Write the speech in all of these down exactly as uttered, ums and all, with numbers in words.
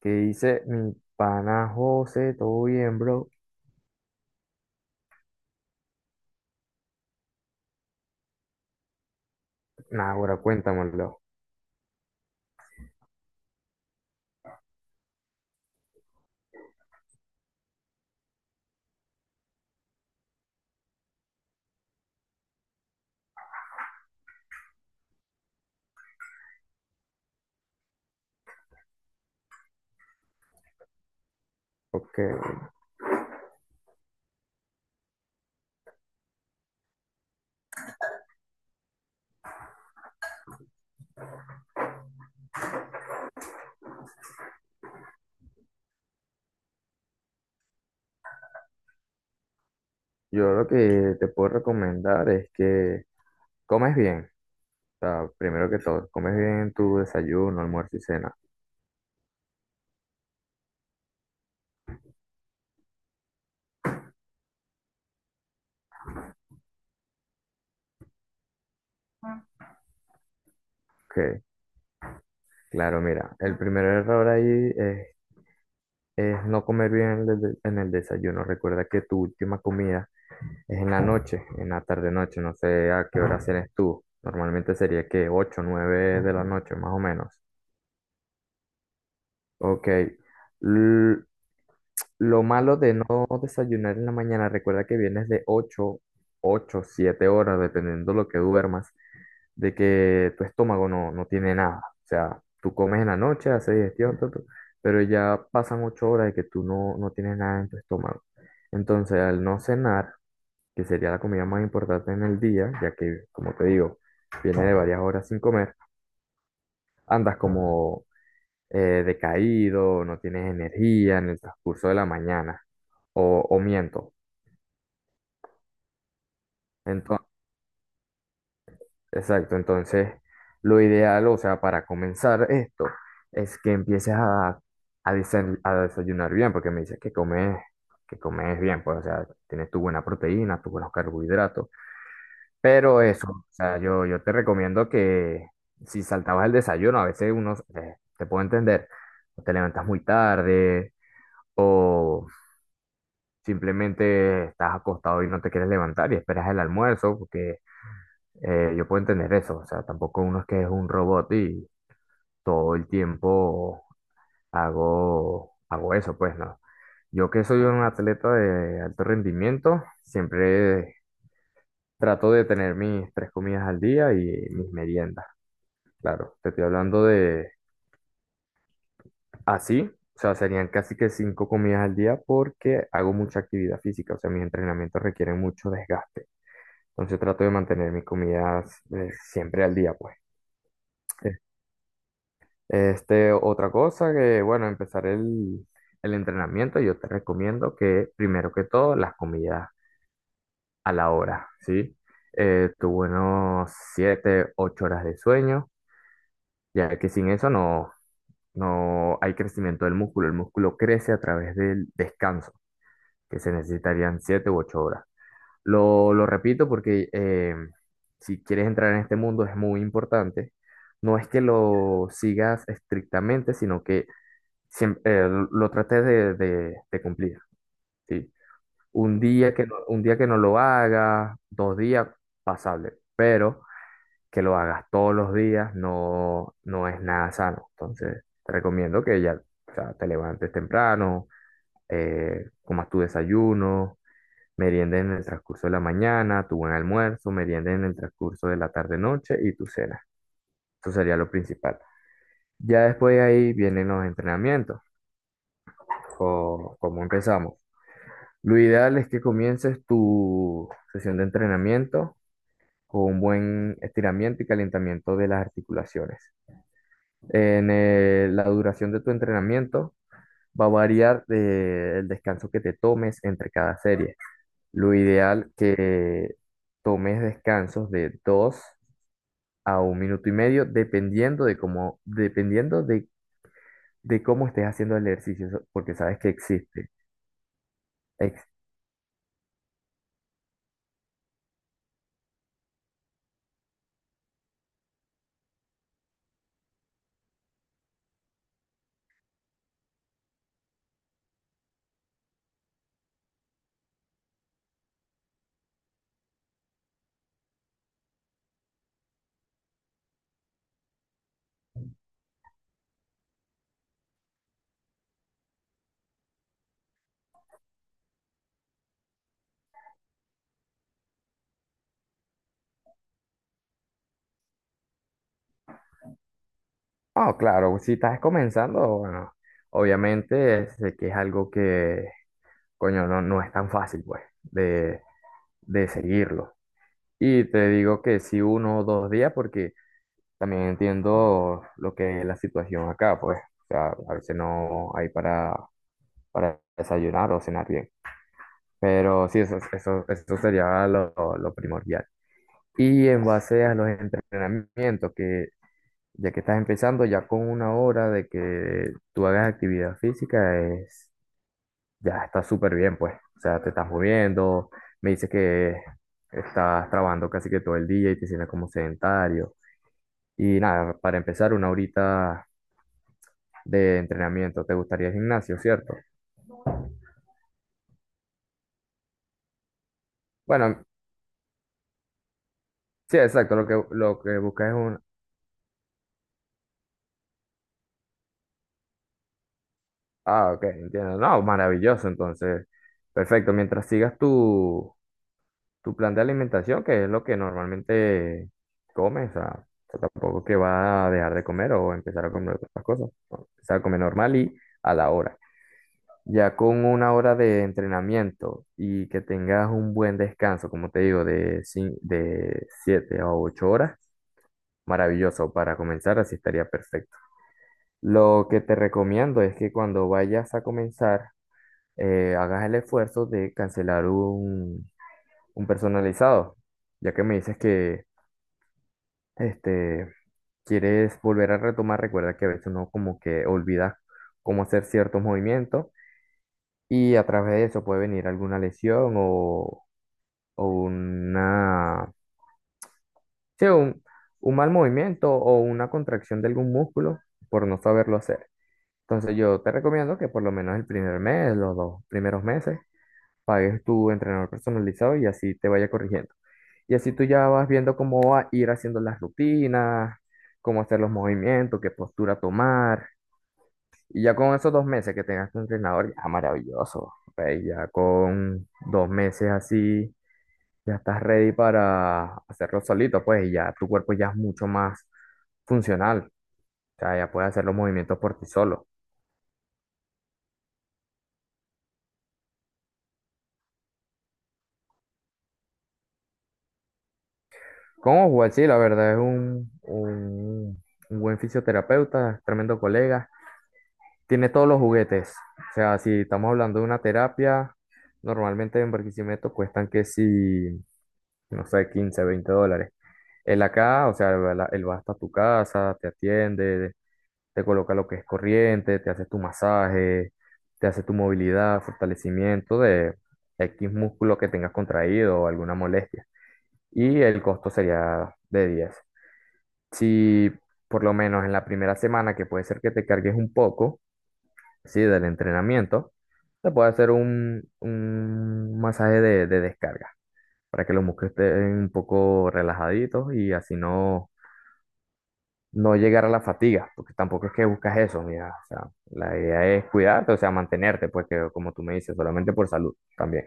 Que dice mi pana José, todo bien, bro. Nah, ahora cuéntamelo. Porque yo lo que te puedo recomendar es que comes bien. O sea, primero que todo, comes bien tu desayuno, almuerzo y cena. Ok, claro, mira, el primer error ahí es, es no comer bien en el de- en el desayuno. Recuerda que tu última comida es en la noche, en la tarde-noche. No sé a qué hora cenes tú. Normalmente sería que ocho nueve de la noche, más o menos. Ok, L- lo malo de no desayunar en la mañana, recuerda que vienes de ocho ocho siete horas, dependiendo lo que duermas, de que tu estómago no, no tiene nada. O sea, tú comes en la noche, haces digestión, tu, tu, pero ya pasan ocho horas de que tú no, no tienes nada en tu estómago. Entonces, al no cenar, que sería la comida más importante en el día, ya que, como te digo, viene de varias horas sin comer, andas como eh, decaído, no tienes energía en el transcurso de la mañana. ¿O, o miento? Entonces, exacto, entonces lo ideal, o sea, para comenzar esto, es que empieces a, a, desen- a desayunar bien, porque me dices que comes, que comes bien, pues, o sea, tienes tu buena proteína, tus buenos carbohidratos, pero eso, o sea, yo, yo te recomiendo que si saltabas el desayuno, a veces uno, eh, te puedo entender, o te levantas muy tarde, o simplemente estás acostado y no te quieres levantar y esperas el almuerzo, porque eh, yo puedo entender eso, o sea, tampoco uno es que es un robot y todo el tiempo hago, hago eso, pues no. Yo que soy un atleta de alto rendimiento, siempre trato de tener mis tres comidas al día y mis meriendas. Claro, te estoy hablando de así, o sea, serían casi que cinco comidas al día porque hago mucha actividad física, o sea, mis entrenamientos requieren mucho desgaste. Entonces trato de mantener mis comidas eh, siempre al día, pues. Este, otra cosa que, bueno, empezar el, el entrenamiento, yo te recomiendo que primero que todo las comidas a la hora, ¿sí? Eh, tu buenos siete ocho horas de sueño, ya que sin eso no, no hay crecimiento del músculo. El músculo crece a través del descanso, que se necesitarían siete u ocho horas. Lo, lo repito porque eh, si quieres entrar en este mundo es muy importante. No es que lo sigas estrictamente, sino que siem- eh, lo traté de, de- de cumplir, ¿sí? Un día que no, un día que no lo hagas, dos días, pasable, pero que lo hagas todos los días no, no es nada sano. Entonces, te recomiendo que ya, o sea, te levantes temprano, eh, comas tu desayuno, merienda en el transcurso de la mañana, tu buen almuerzo, merienda en el transcurso de la tarde-noche y tu cena. Eso sería lo principal. Ya después de ahí vienen los entrenamientos. O ¿cómo empezamos? Lo ideal es que comiences tu sesión de entrenamiento con un buen estiramiento y calentamiento de las articulaciones. En eh, La duración de tu entrenamiento va a variar de- el descanso que te tomes entre cada serie. Lo ideal que tomes descansos de dos a un minuto y medio, dependiendo de cómo, dependiendo de, de cómo estés haciendo el ejercicio, so- porque sabes que existe. Ah, claro, si estás comenzando, bueno, obviamente sé que es algo que, coño, no, no es tan fácil, pues, de, de seguirlo. Y te digo que sí uno o dos días, porque también entiendo lo que es la situación acá, pues, o sea, a veces no hay para, para desayunar o cenar bien. Pero sí, eso, eso, eso sería lo, lo primordial. Y en base a los entrenamientos, que ya que estás empezando, ya con una hora de que tú hagas actividad física, es, ya está súper bien, pues. O sea, te estás moviendo, me dices que estás trabajando casi que todo el día y te sientes como sedentario. Y nada, para empezar, una horita de entrenamiento. ¿Te gustaría el gimnasio, cierto? Bueno, sí, exacto. Lo que, lo que buscas es un... Ah, ok, entiendo. No, maravilloso, entonces. Perfecto. Mientras sigas tú tu plan de alimentación, que es lo que normalmente comes, o sea, o sea, tampoco que va a dejar de comer o empezar a comer otras cosas, ¿no? Empezar a comer normal y a la hora. Ya con una hora de entrenamiento y que tengas un buen descanso, como te digo, de, cin- de siete a ocho horas, maravilloso. Para comenzar, así estaría perfecto. Lo que te recomiendo es que cuando vayas a comenzar, eh, hagas el esfuerzo de cancelar un, un personalizado, ya que me dices que este, quieres volver a retomar, recuerda que a veces uno como que olvida cómo hacer ciertos movimientos y a través de eso puede venir alguna lesión o, o una, sí, un, un mal movimiento o una contracción de algún músculo por no saberlo hacer. Entonces yo te recomiendo que por lo menos el primer mes, los dos primeros meses, pagues tu entrenador personalizado y así te vaya corrigiendo. Y así tú ya vas viendo cómo va a ir haciendo las rutinas, cómo hacer los movimientos, qué postura tomar. Y ya con esos dos meses que tengas tu entrenador, ya maravilloso, pues. Ya con dos meses así, ya estás ready para hacerlo solito, pues, y ya tu cuerpo ya es mucho más funcional. O sea, ya puedes hacer los movimientos por ti solo. Con Oswald, sí, la verdad es un, un, un buen fisioterapeuta, tremendo colega. Tiene todos los juguetes. O sea, si estamos hablando de una terapia, normalmente en Barquisimeto cuestan que si, no sé, quince veinte dólares. Él acá, o sea, él va la- él va hasta tu casa, te atiende, te coloca lo que es corriente, te hace tu masaje, te hace tu movilidad, fortalecimiento de X músculo que tengas contraído o alguna molestia. Y el costo sería de diez. Si por lo menos en la primera semana, que puede ser que te cargues un poco, sí, del entrenamiento, se puede hacer un, un masaje de, de descarga para que los músculos estén un poco relajaditos y así no, no llegar a la fatiga, porque tampoco es que buscas eso, mira, o sea, la idea es cuidarte, o sea, mantenerte, pues, que como tú me dices, solamente por salud también.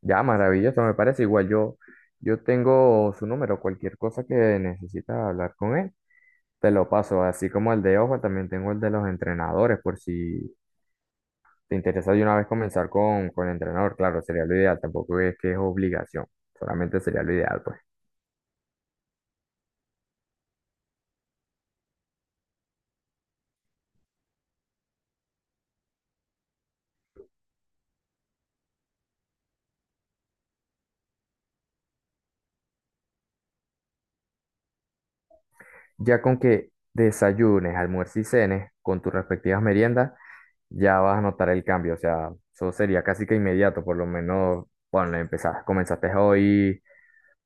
Ya, maravilloso, me parece igual. Yo, yo tengo su número, cualquier cosa que necesitas hablar con él. Te lo paso, así como el de Ojo, también tengo el de los entrenadores, por si te interesa de una vez comenzar con, con el entrenador, claro, sería lo ideal, tampoco es que es obligación, solamente sería lo ideal, pues. Ya con que desayunes, almuerces y cenes con tus respectivas meriendas, ya vas a notar el cambio, o sea, eso sería casi que inmediato, por lo menos, bueno, empezaste, comenzaste hoy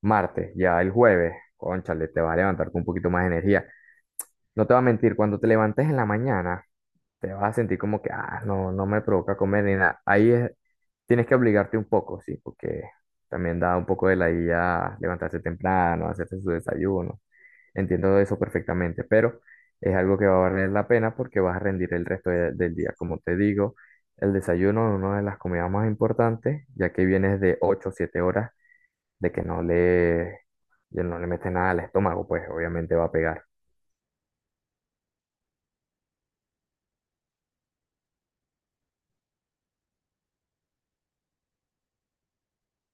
martes, ya el jueves, cónchale, te vas a levantar con un poquito más de energía. No te voy a mentir, cuando te levantes en la mañana, te vas a sentir como que, ah, no, no me provoca comer ni nada. Ahí es, tienes que obligarte un poco, sí, porque también da un poco de la idea levantarse temprano, hacerse su desayuno. Entiendo eso perfectamente, pero es algo que va a valer la pena porque vas a rendir el resto de- del día. Como te digo, el desayuno es una de las comidas más importantes, ya que vienes de ocho o siete horas de que no le, ya no le metes nada al estómago, pues obviamente va a pegar.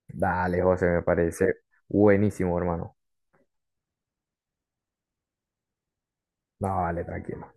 Dale, José, me parece buenísimo, hermano. Dale, tranquilo.